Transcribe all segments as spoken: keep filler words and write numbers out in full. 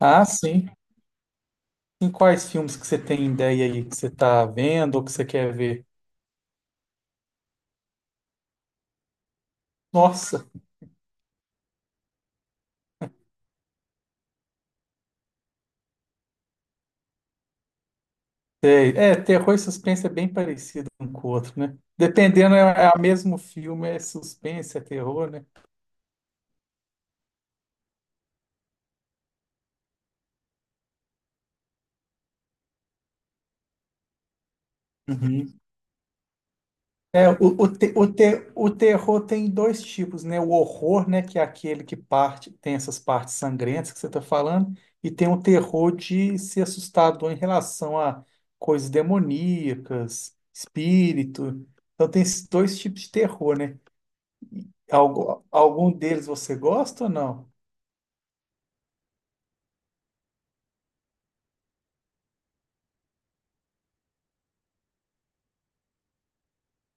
Ah, sim. Em quais filmes que você tem ideia aí que você tá vendo ou que você quer ver? Nossa, sei. É, terror e suspense é bem parecido um com o outro, né? Dependendo, é, é o mesmo filme, é suspense, é terror, né? Uhum. É, o, o, te- o, te- o terror tem dois tipos, né? O horror, né? Que é aquele que parte, tem essas partes sangrentas que você está falando, e tem o terror de ser assustador em relação a coisas demoníacas, espírito. Então tem esses dois tipos de terror, né? Algu- algum deles você gosta ou não?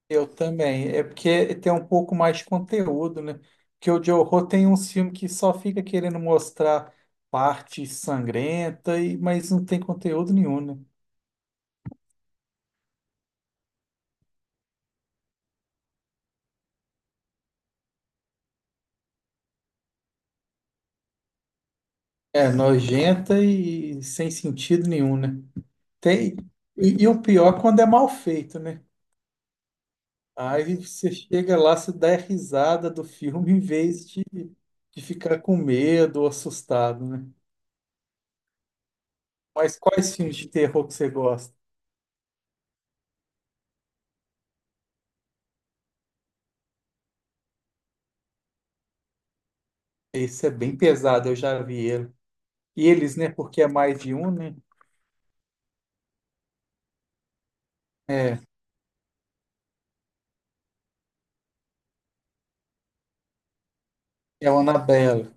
Eu também. É porque tem um pouco mais de conteúdo, né? Porque o de horror tem uns filmes que só fica querendo mostrar parte sangrenta, e, mas não tem conteúdo nenhum, né? É nojenta e sem sentido nenhum, né? Tem, e, e o pior é quando é mal feito, né? Aí você chega lá, você dá risada do filme em vez de, de ficar com medo ou assustado, né? Mas quais filmes de terror que você gosta? Esse é bem pesado, eu já vi ele. E eles, né? Porque é mais de um, né? É, é o Annabelle.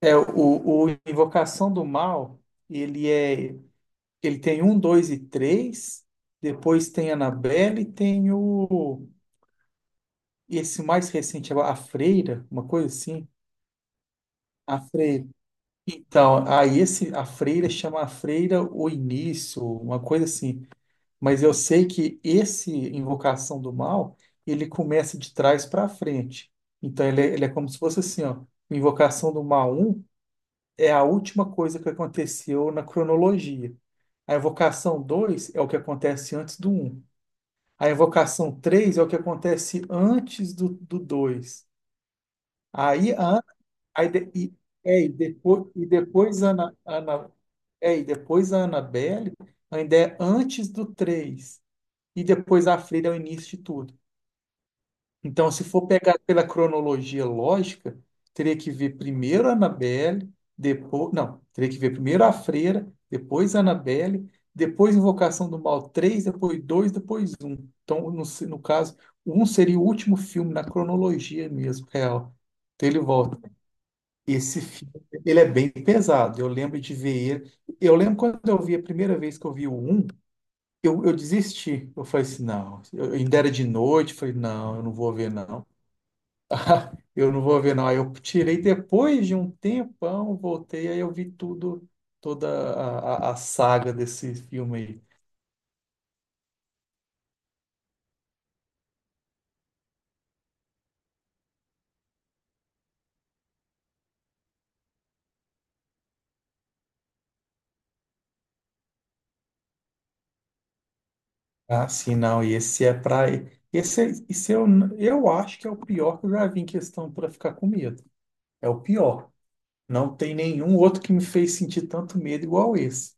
É, o, o Invocação do Mal, ele é. Ele tem um, dois e três. Depois tem Annabelle e tem o. Esse mais recente, a Freira, uma coisa assim. A Freira. Então, aí esse, a Freira chama a Freira o início, uma coisa assim. Mas eu sei que esse Invocação do Mal, ele começa de trás para frente. Então ele é, ele é como se fosse assim, ó, Invocação do Mal um é a última coisa que aconteceu na cronologia. A Invocação dois é o que acontece antes do um. A Invocação três é o que acontece antes do, do dois. Aí, a, Ana- aí de- e, é, e depois, e depois a Ana, Ana, é, e depois a Annabelle ainda é antes do três. E depois a Freira é o início de tudo. Então, se for pegar pela cronologia lógica, teria que ver primeiro a Annabelle, depois. Não, teria que ver primeiro a Freira, depois a Annabelle, depois Invocação do Mal três, depois dois, depois um. Então, no, se- no caso, um seria o último filme na cronologia mesmo, real. Então ele volta. Esse filme, ele é bem pesado. Eu lembro de ver ele. Eu lembro quando eu vi a primeira vez que eu vi o um, eu, eu desisti. Eu falei assim, não, eu, ainda era de noite, falei, não, eu não vou ver, não. Eu não vou ver, não. Aí eu tirei depois de um tempão, voltei, aí eu vi tudo, toda a, a- a saga desse filme aí. Ah, sim, não. E esse é pra. Esse, é- esse eu, eu acho que é o pior que eu já vi em questão pra ficar com medo. É o pior. Não tem nenhum outro que me fez sentir tanto medo igual esse.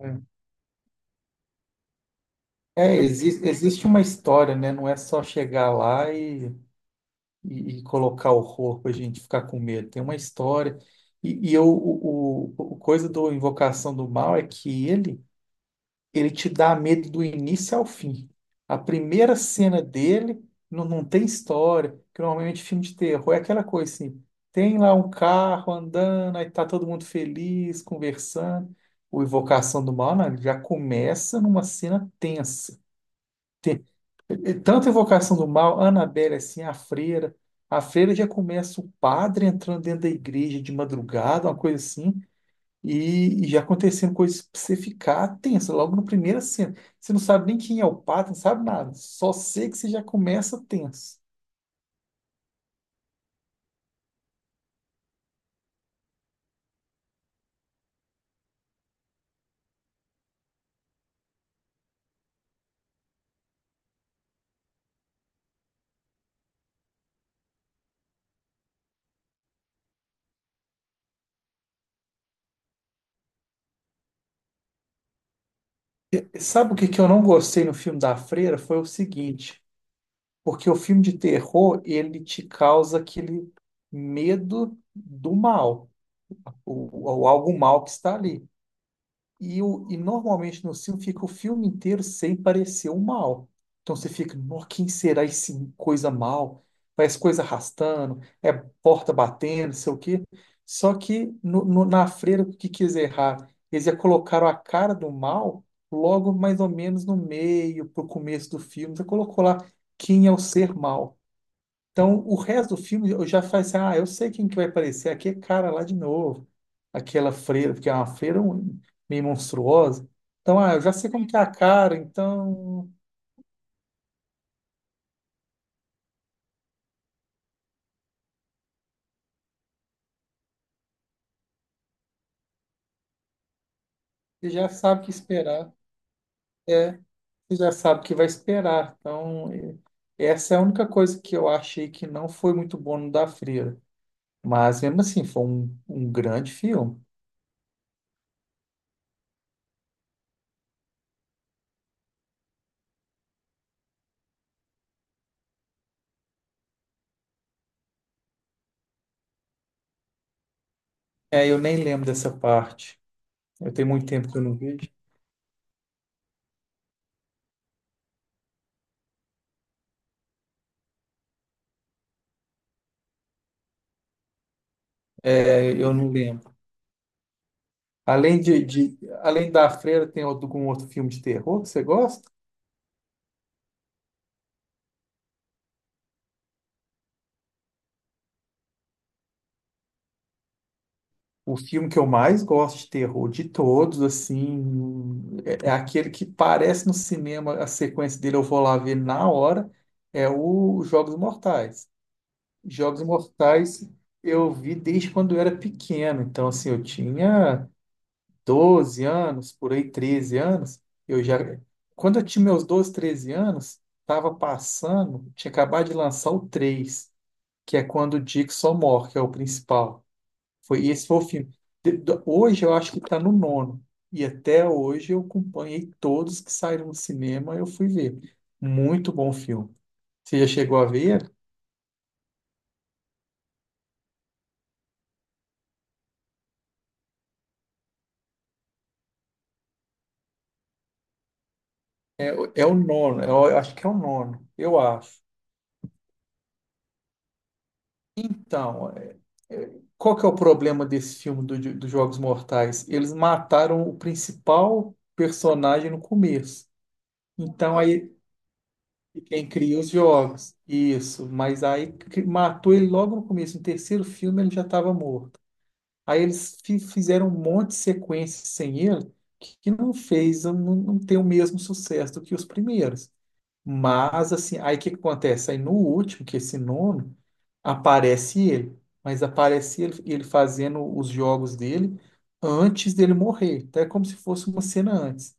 É, é, exi- existe uma história, né? Não é só chegar lá e, e, e colocar o corpo, a gente ficar com medo. Tem uma história. E, e eu, o, o, o coisa do Invocação do Mal é que ele. Ele te dá medo do início ao fim. A primeira cena dele não, não tem história, que normalmente é filme de terror é aquela coisa assim, tem lá um carro andando, aí tá todo mundo feliz, conversando. O Invocação do Mal, não, ele já começa numa cena tensa. E tanto Invocação do Mal, Annabelle assim, a freira. A freira já começa o padre entrando dentro da igreja de madrugada, uma coisa assim. E, e já aconteceram coisas pra você ficar tenso logo na primeira cena. Você não sabe nem quem é o pato, não sabe nada. Só sei que você já começa tenso. E sabe o que que eu não gostei no filme da Freira? Foi o seguinte, porque o filme de terror, ele te causa aquele medo do mal, ou, ou algo mal que está ali. E, o, e normalmente no filme fica o filme inteiro sem parecer o mal. Então você fica, "Nó, quem será esse coisa mal? Parece coisa arrastando, é porta batendo, sei o quê". Só que no, no- na freira, o que quis errar? Eles já colocaram a cara do mal logo mais ou menos no meio, pro começo do filme. Você colocou lá, quem é o ser mal? Então, o resto do filme eu já falei assim, ah, eu sei quem que vai aparecer aqui, é cara lá de novo. Aquela freira, porque é uma freira um- meio monstruosa. Então, ah, eu já sei como que é a cara, então você já sabe o que esperar. É, você já sabe o que vai esperar. Então, é- essa é a única coisa que eu achei que não foi muito bom no da freira. Mas mesmo assim, foi um, um grande filme. É, eu nem lembro dessa parte. Eu tenho muito tempo que eu não vejo. É, eu não lembro. Além de, de- além da Freira, tem algum outro filme de terror que você gosta? O filme que eu mais gosto de terror de todos, assim, é, é aquele que parece no cinema, a sequência dele eu vou lá ver na hora, é o Jogos Mortais. Jogos Mortais eu vi desde quando eu era pequeno, então assim, eu tinha doze anos, por aí treze anos, eu já quando eu tinha meus doze, treze anos, estava passando, tinha acabado de lançar o três. Que é quando o Dixon morre, que é o principal. Foi esse foi o filme. De- do- Hoje eu acho que está no nono. E até hoje eu acompanhei todos que saíram do cinema, eu fui ver. Muito bom filme. Você já chegou a ver? É o nono, eu eu acho que é o nono, eu acho. Então, é- é- qual que é o problema desse filme do, Jo- dos Jogos Mortais? Eles mataram o principal personagem no começo. Então aí. E quem cria os jogos. Isso. Mas aí cri- matou ele logo no começo. No terceiro filme ele já estava morto. Aí eles fi- fizeram um monte de sequências sem ele que que não fez, não, não tem o mesmo sucesso do que os primeiros. Mas assim, aí o que que acontece? Aí no último, que é esse nono, aparece ele. Mas aparece ele, ele fazendo os jogos dele antes dele morrer. Então é como se fosse uma cena antes.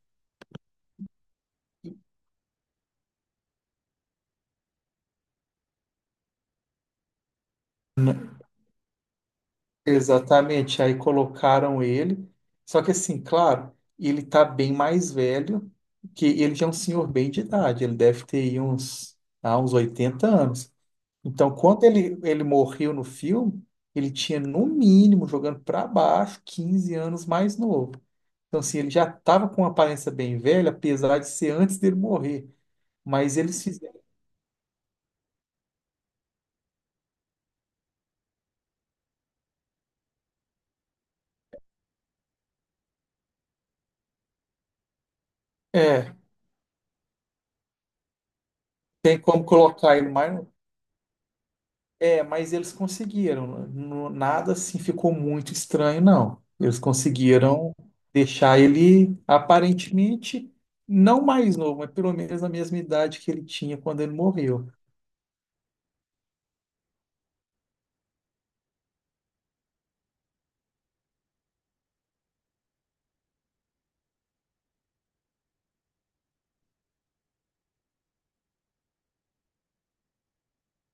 Exatamente, aí colocaram ele. Só que assim, claro, ele tá bem mais velho, que ele já é um senhor bem de idade, ele deve ter aí uns, ah, uns oitenta anos. Então, quando ele, ele morreu no filme, ele tinha no mínimo, jogando para baixo, quinze anos mais novo. Então, assim, ele já estava com uma aparência bem velha, apesar de ser antes dele morrer. Mas eles fizeram. É, tem como colocar ele mais. É, mas eles conseguiram. No- Nada assim ficou muito estranho, não. Eles conseguiram deixar ele aparentemente não mais novo, mas pelo menos a mesma idade que ele tinha quando ele morreu.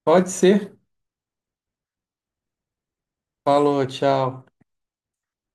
Pode ser. Falou, tchau.